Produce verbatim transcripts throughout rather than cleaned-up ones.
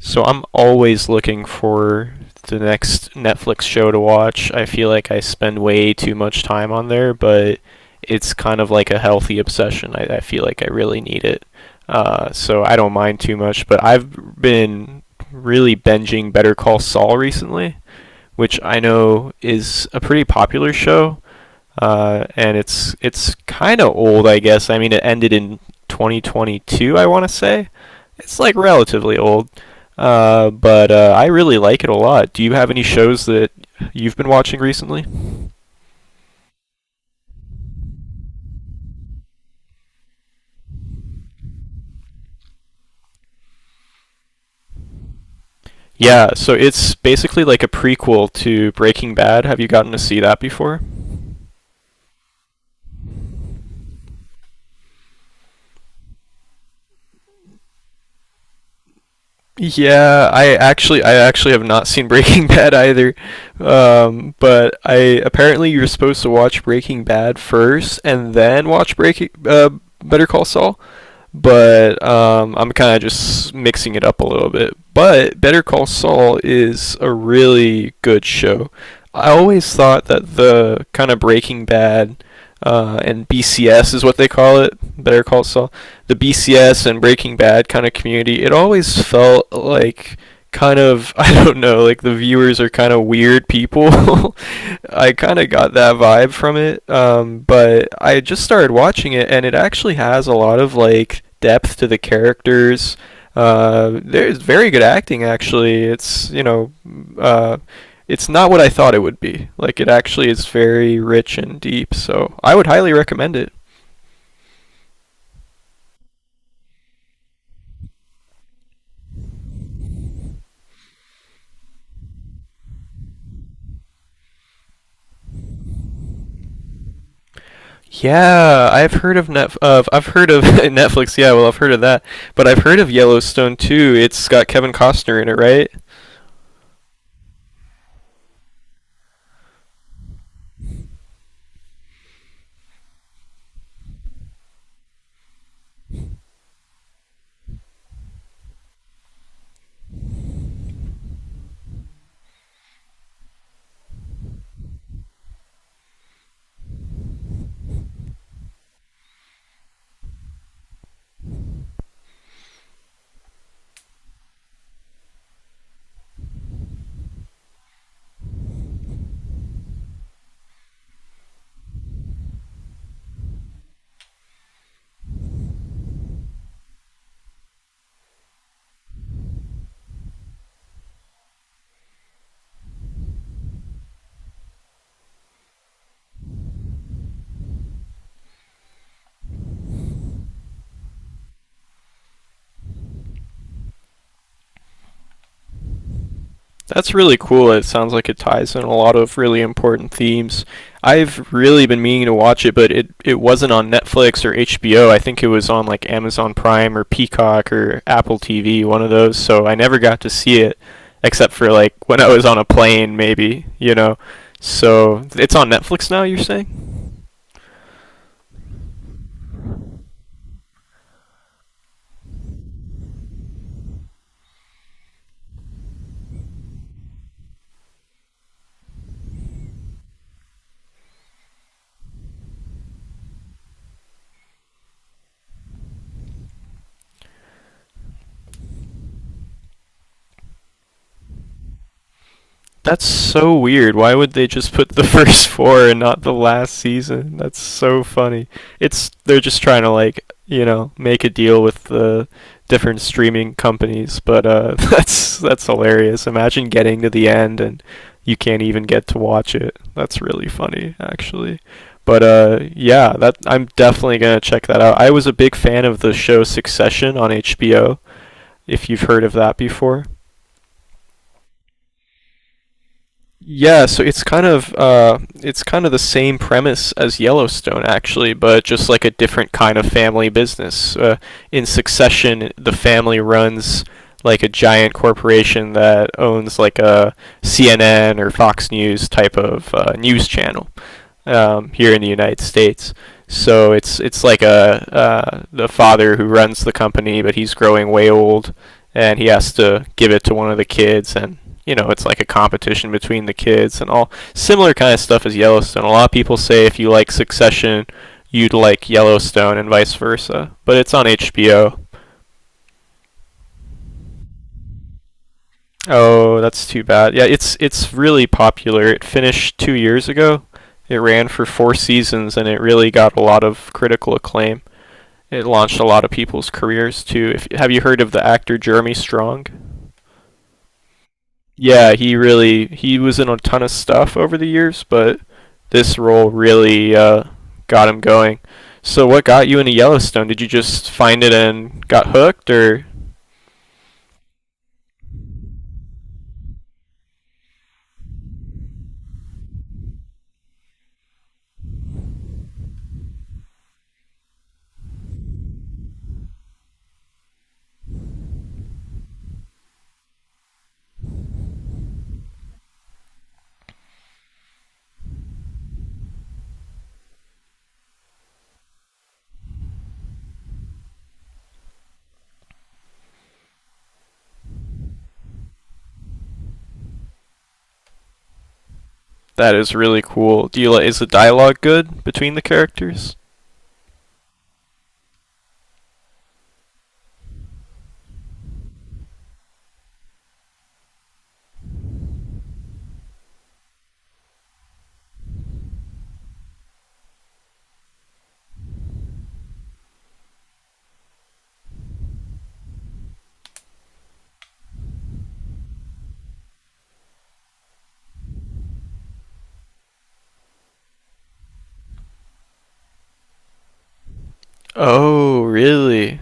So I'm always looking for the next Netflix show to watch. I feel like I spend way too much time on there, but it's kind of like a healthy obsession. I, I feel like I really need it. Uh, so I don't mind too much, but I've been really binging Better Call Saul recently, which I know is a pretty popular show, uh, and it's it's kind of old, I guess. I mean, it ended in twenty twenty-two, I want to say. It's like relatively old, uh, but uh, I really like it a lot. Do you have any shows that you've been watching recently? Yeah, so it's basically like a prequel to Breaking Bad. Have you gotten to see that before? Yeah, I actually I actually have not seen Breaking Bad either. Um, but I apparently you're supposed to watch Breaking Bad first and then watch Breaking uh, Better Call Saul. But um, I'm kind of just mixing it up a little bit. But Better Call Saul is a really good show. I always thought that the kind of Breaking Bad, uh, and B C S is what they call it, Better Call Saul, the B C S and Breaking Bad kind of community, it always felt like kind of, I don't know, like the viewers are kind of weird people. I kind of got that vibe from it, um, but I just started watching it, and it actually has a lot of like depth to the characters. Uh, there's very good acting, actually. It's, you know, uh, it's not what I thought it would be. Like it actually is very rich and deep, so I would highly recommend it. Yeah, I've heard of Net of I've heard of Netflix. Yeah, well, I've heard of that, but I've heard of Yellowstone too. It's got Kevin Costner in it, right? That's really cool. It sounds like it ties in a lot of really important themes. I've really been meaning to watch it, but it, it wasn't on Netflix or H B O. I think it was on like Amazon Prime or Peacock or Apple T V, one of those. So I never got to see it, except for like when I was on a plane, maybe, you know. So it's on Netflix now, you're saying? That's so weird. Why would they just put the first four and not the last season? That's so funny. It's they're just trying to like, you know, make a deal with the different streaming companies, but uh that's that's hilarious. Imagine getting to the end and you can't even get to watch it. That's really funny actually. But uh yeah, that I'm definitely going to check that out. I was a big fan of the show Succession on H B O, if you've heard of that before. Yeah, so it's kind of uh, it's kind of the same premise as Yellowstone, actually, but just like a different kind of family business. Uh, in Succession, the family runs like a giant corporation that owns like a C N N or Fox News type of uh, news channel um, here in the United States. So it's it's like a uh, the father who runs the company, but he's growing way old, and he has to give it to one of the kids, and you know it's like a competition between the kids and all similar kind of stuff as Yellowstone. A lot of people say if you like Succession, you'd like Yellowstone, and vice versa. But it's on H B O. Oh, that's too bad. Yeah, it's it's really popular. It finished two years ago. It ran for four seasons, and it really got a lot of critical acclaim. It launched a lot of people's careers too. If have you heard of the actor Jeremy Strong? Yeah, he really he was in a ton of stuff over the years, but this role really uh, got him going. So what got you into Yellowstone? Did you just find it and got hooked, or that is really cool? Do you li- is the dialogue good between the characters? Oh, really?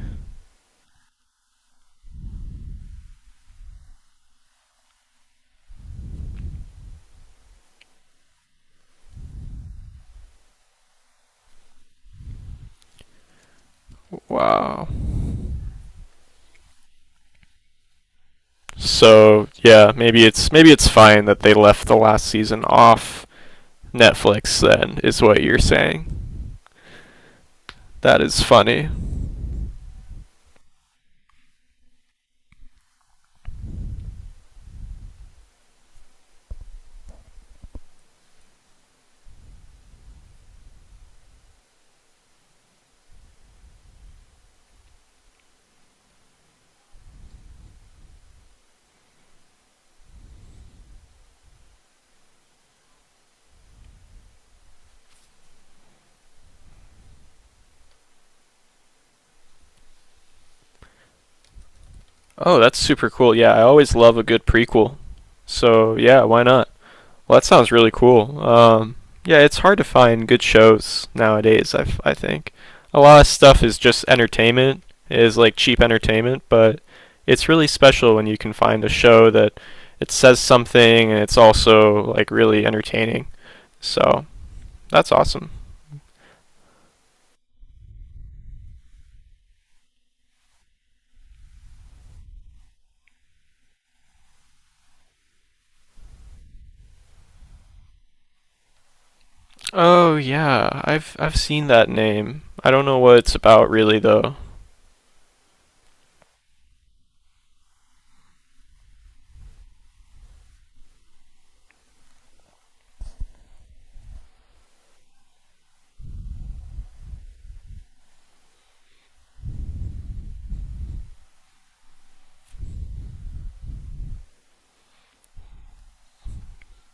Wow. So yeah, maybe it's maybe it's fine that they left the last season off Netflix. Then is what you're saying. That is funny. Oh, that's super cool. Yeah, I always love a good prequel. So, yeah, why not? Well, that sounds really cool. Um, yeah, it's hard to find good shows nowadays, I I think. A lot of stuff is just entertainment, is like cheap entertainment, but it's really special when you can find a show that it says something and it's also like really entertaining. So, that's awesome. Oh, yeah. I've I've seen that name. I don't know what it's about really though.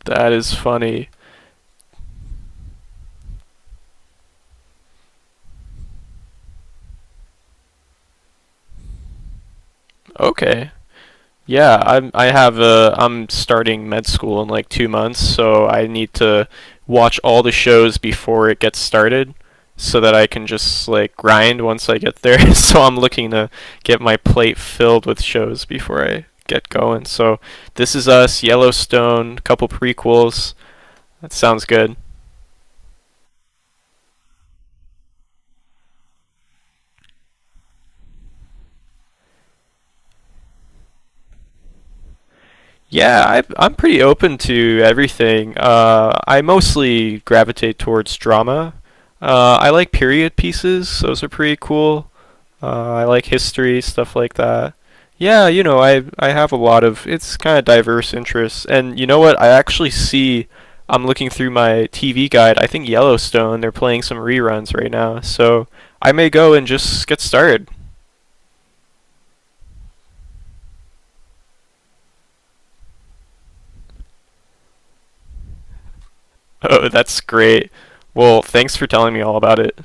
That is funny. Okay. Yeah, I'm. I have a. I'm starting med school in like two months, so I need to watch all the shows before it gets started, so that I can just like grind once I get there. so I'm looking to get my plate filled with shows before I get going. So this is us, Yellowstone, couple prequels. That sounds good. Yeah, I, I'm pretty open to everything. Uh, I mostly gravitate towards drama. Uh, I like period pieces; those are pretty cool. Uh, I like history stuff like that. Yeah, you know, I I have a lot of it's kind of diverse interests, and you know what? I actually see. I'm looking through my T V guide. I think Yellowstone. They're playing some reruns right now, so I may go and just get started. Oh, that's great. Well, thanks for telling me all about it.